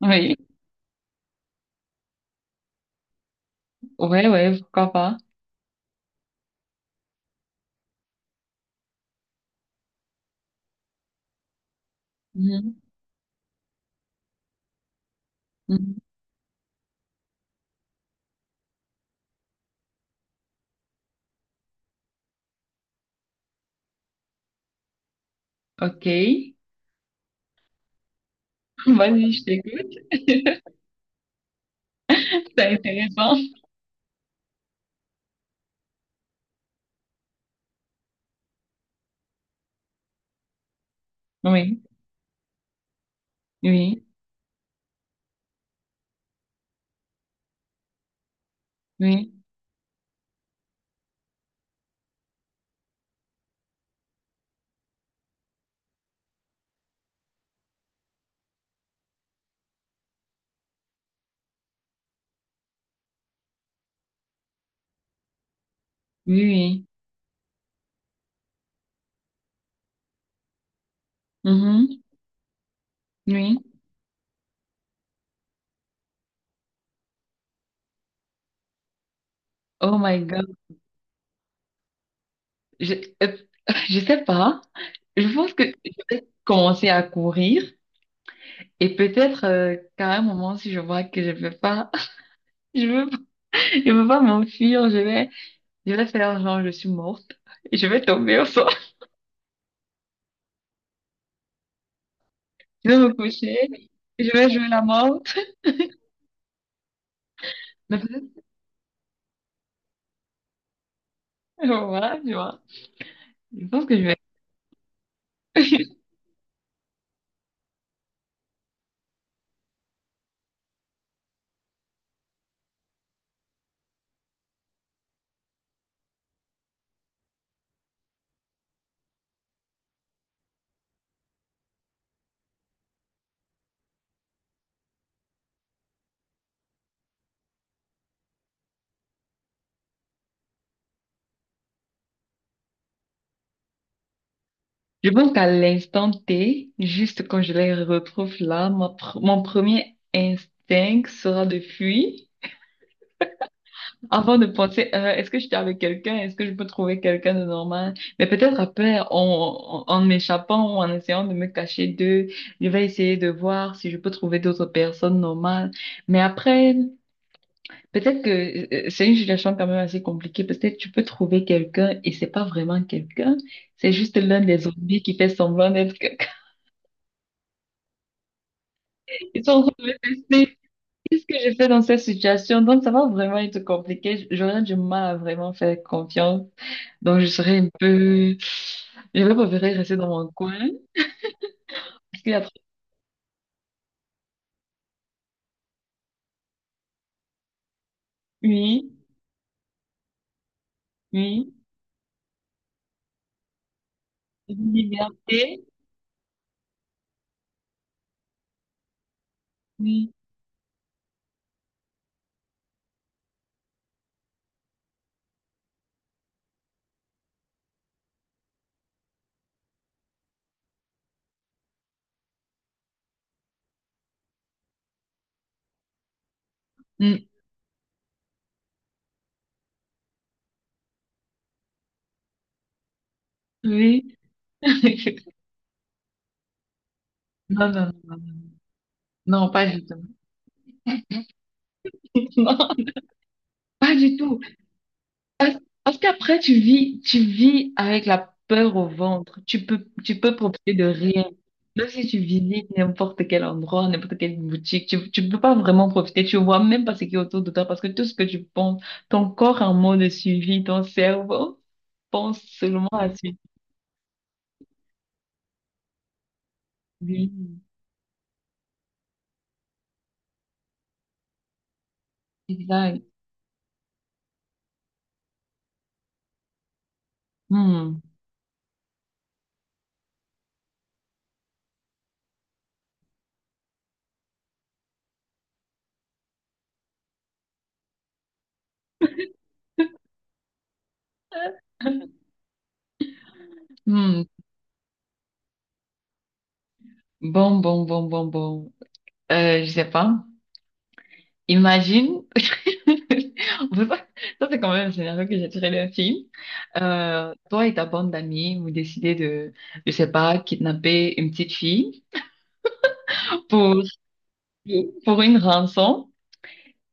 Oui, ouais, ouais, pourquoi pas. Mhm. Mhm. Ok, vas-y, je t'écoute. C'est intéressant. Oui, oui, oui, oui, oui. Mhm. Oui. Oh my God. Je, euh, je sais pas. Je pense que je vais peut-être commencer à courir et peut-être qu'à un moment, si je vois que je peux pas, je veux, je veux pas m'enfuir, je vais faire genre je suis morte. Et je vais tomber au sol. Je vais me coucher. Et je vais jouer la morte. Mais voilà, tu vois. Je pense que je vais... Je pense qu'à l'instant T, juste quand je les retrouve là, mon premier instinct sera de fuir. Avant de penser, est-ce que j'étais avec quelqu'un? Est-ce que je peux trouver quelqu'un de normal? Mais peut-être après, en m'échappant ou en essayant de me cacher d'eux, je vais essayer de voir si je peux trouver d'autres personnes normales. Mais après, peut-être que c'est une situation quand même assez compliquée. Peut-être tu peux trouver quelqu'un et c'est pas vraiment quelqu'un, c'est juste l'un des zombies qui fait semblant d'être quelqu'un. Ils sont en train de me tester. Qu'est-ce que j'ai fait dans cette situation? Donc ça va vraiment être compliqué. J'aurais du mal à vraiment faire confiance. Donc je serais un peu, je vais préférer rester dans mon coin. Parce qu'il y a oui, oui, liberté, oui, mm, oui. Non, non, non, non, non, pas du tout. Non, pas du tout. Parce qu'après, tu vis avec la peur au ventre. Tu peux profiter de rien. Même si tu visites n'importe quel endroit, n'importe quelle boutique, tu peux pas vraiment profiter. Tu vois même pas ce qui est autour de toi parce que tout ce que tu penses, ton corps en mode suivi, ton cerveau pense seulement à ce suivi. Exact. Hmm. Hmm. Bon, bon, bon, bon, bon. Je sais pas. Imagine. On peut pas- Ça, c'est quand même un scénario que j'ai tiré d'un film. Toi et ta bande d'amis, vous décidez de, je sais pas, kidnapper une petite fille pour, pour une rançon.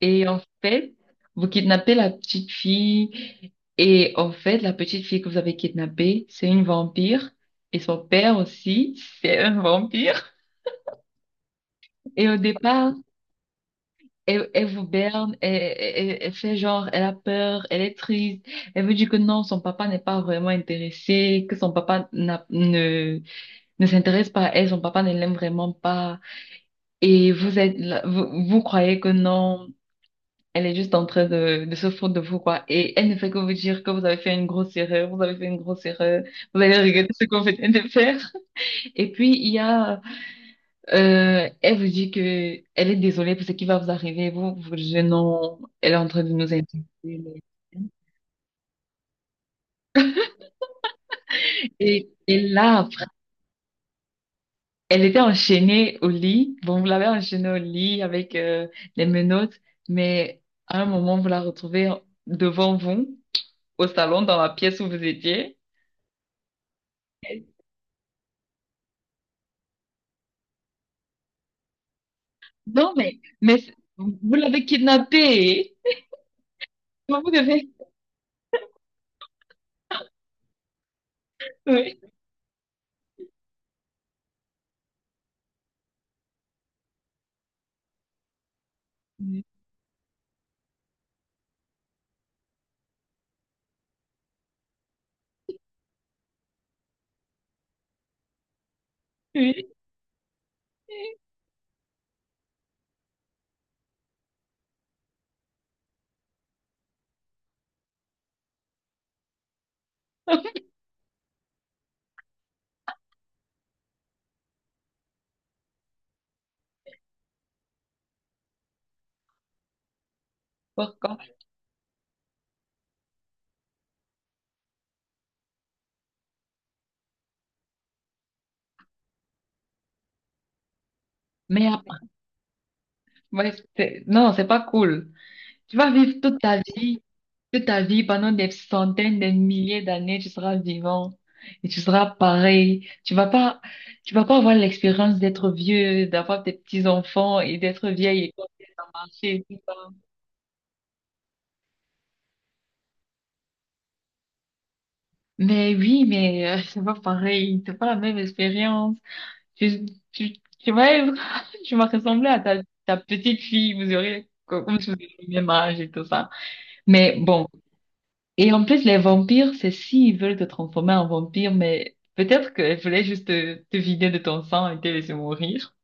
Et en fait, vous kidnappez la petite fille. Et en fait, la petite fille que vous avez kidnappée, c'est une vampire. Et son père aussi, c'est un vampire. Et au départ, elle vous berne, elle fait genre, elle a peur, elle est triste, elle veut dire que non, son papa n'est pas vraiment intéressé, que son papa ne s'intéresse pas à elle, son papa ne l'aime vraiment pas, et vous, vous croyez que non, elle est juste en train de se foutre de vous, quoi, et elle ne fait que vous dire que vous avez fait une grosse erreur, vous avez fait une grosse erreur, vous allez regretter ce qu'on vous venez de faire. Et puis, il y a elle vous dit que elle est désolée pour ce qui va vous arriver. Vous, vous jeune homme, elle est en train de nous insulter. Mais- et là, après, elle était enchaînée au lit. Bon, vous l'avez enchaînée au lit avec les menottes, mais à un moment, vous la retrouvez devant vous, au salon, dans la pièce où vous étiez. Non, mais c'est- vous l'avez kidnappée. Vous devez... Oui, oui. Pourquoi? Mais après, ouais, c'est- non, c'est pas cool. Tu vas vivre toute ta vie, pendant des centaines, des milliers d'années, tu seras vivant et tu seras pareil. Tu vas pas avoir l'expérience d'être vieux, d'avoir des petits-enfants et d'être vieille et quand ça a et tout ça. Mais oui, mais c'est pas pareil, c'est pas la même expérience. Tu, tu, tu vas être, tu vas ressembler à ta, ta petite fille, vous aurez comme si vous aviez le même âge et tout ça. Mais bon. Et en plus, les vampires, c'est s'ils veulent te transformer en vampire, mais peut-être qu'elles voulaient juste te, te vider de ton sang et te laisser mourir.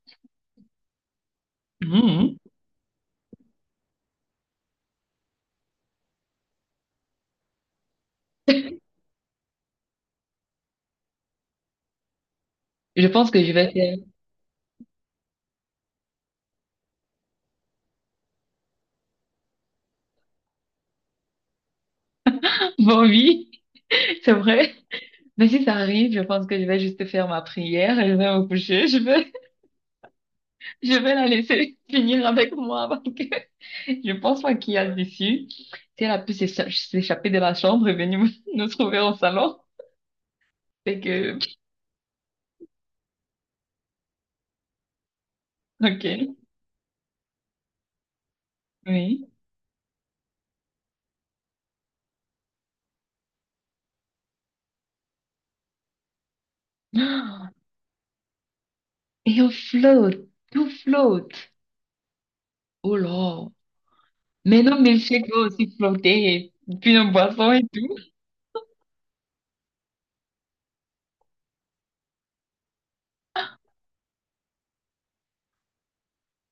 Mhm. Je pense que je vais faire... Bon, oui, c'est vrai. Mais si ça arrive, je pense que je vais juste faire ma prière et je vais me coucher. Je vais la laisser finir avec moi parce que je pense pas qu'il y a d'issue. Si elle a pu s'écha- s'échapper de la chambre et venir nous trouver au salon, c'est que... Ok, oui. Et on flotte, tout flotte. Oh là. Mais non, mais le chèque va aussi flotter et puis un boisson et tout.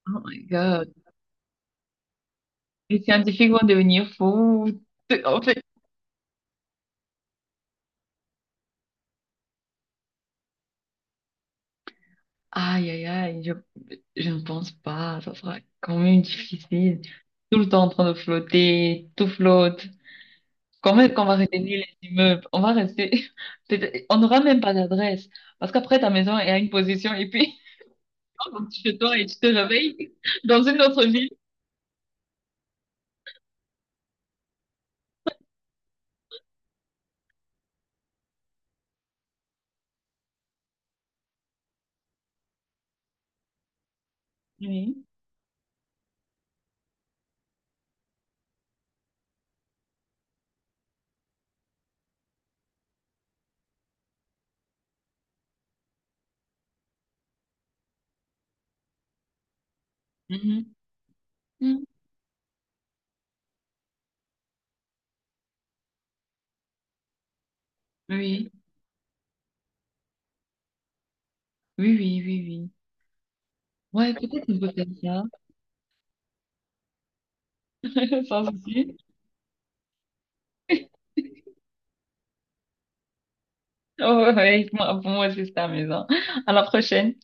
Oh my God. Les scientifiques vont devenir fous. En fait, aïe, aïe, aïe, je ne pense pas. Ça sera quand même difficile. Tout le temps en train de flotter, tout flotte. Comment est-ce qu'on va retenir les immeubles? On va rester. Peut-être- on n'aura même pas d'adresse. Parce qu'après, ta maison est à une position et puis, on rentre chez toi et tu te réveilles dans une autre ville. Oui. Mhm. Mhm. Oui. Oui, oui, oui, oui. Ouais, peut-être on peut faire ça. Sans souci. Oh, ouais, ouais, moi, pour moi, c'est ça, maison. À la prochaine.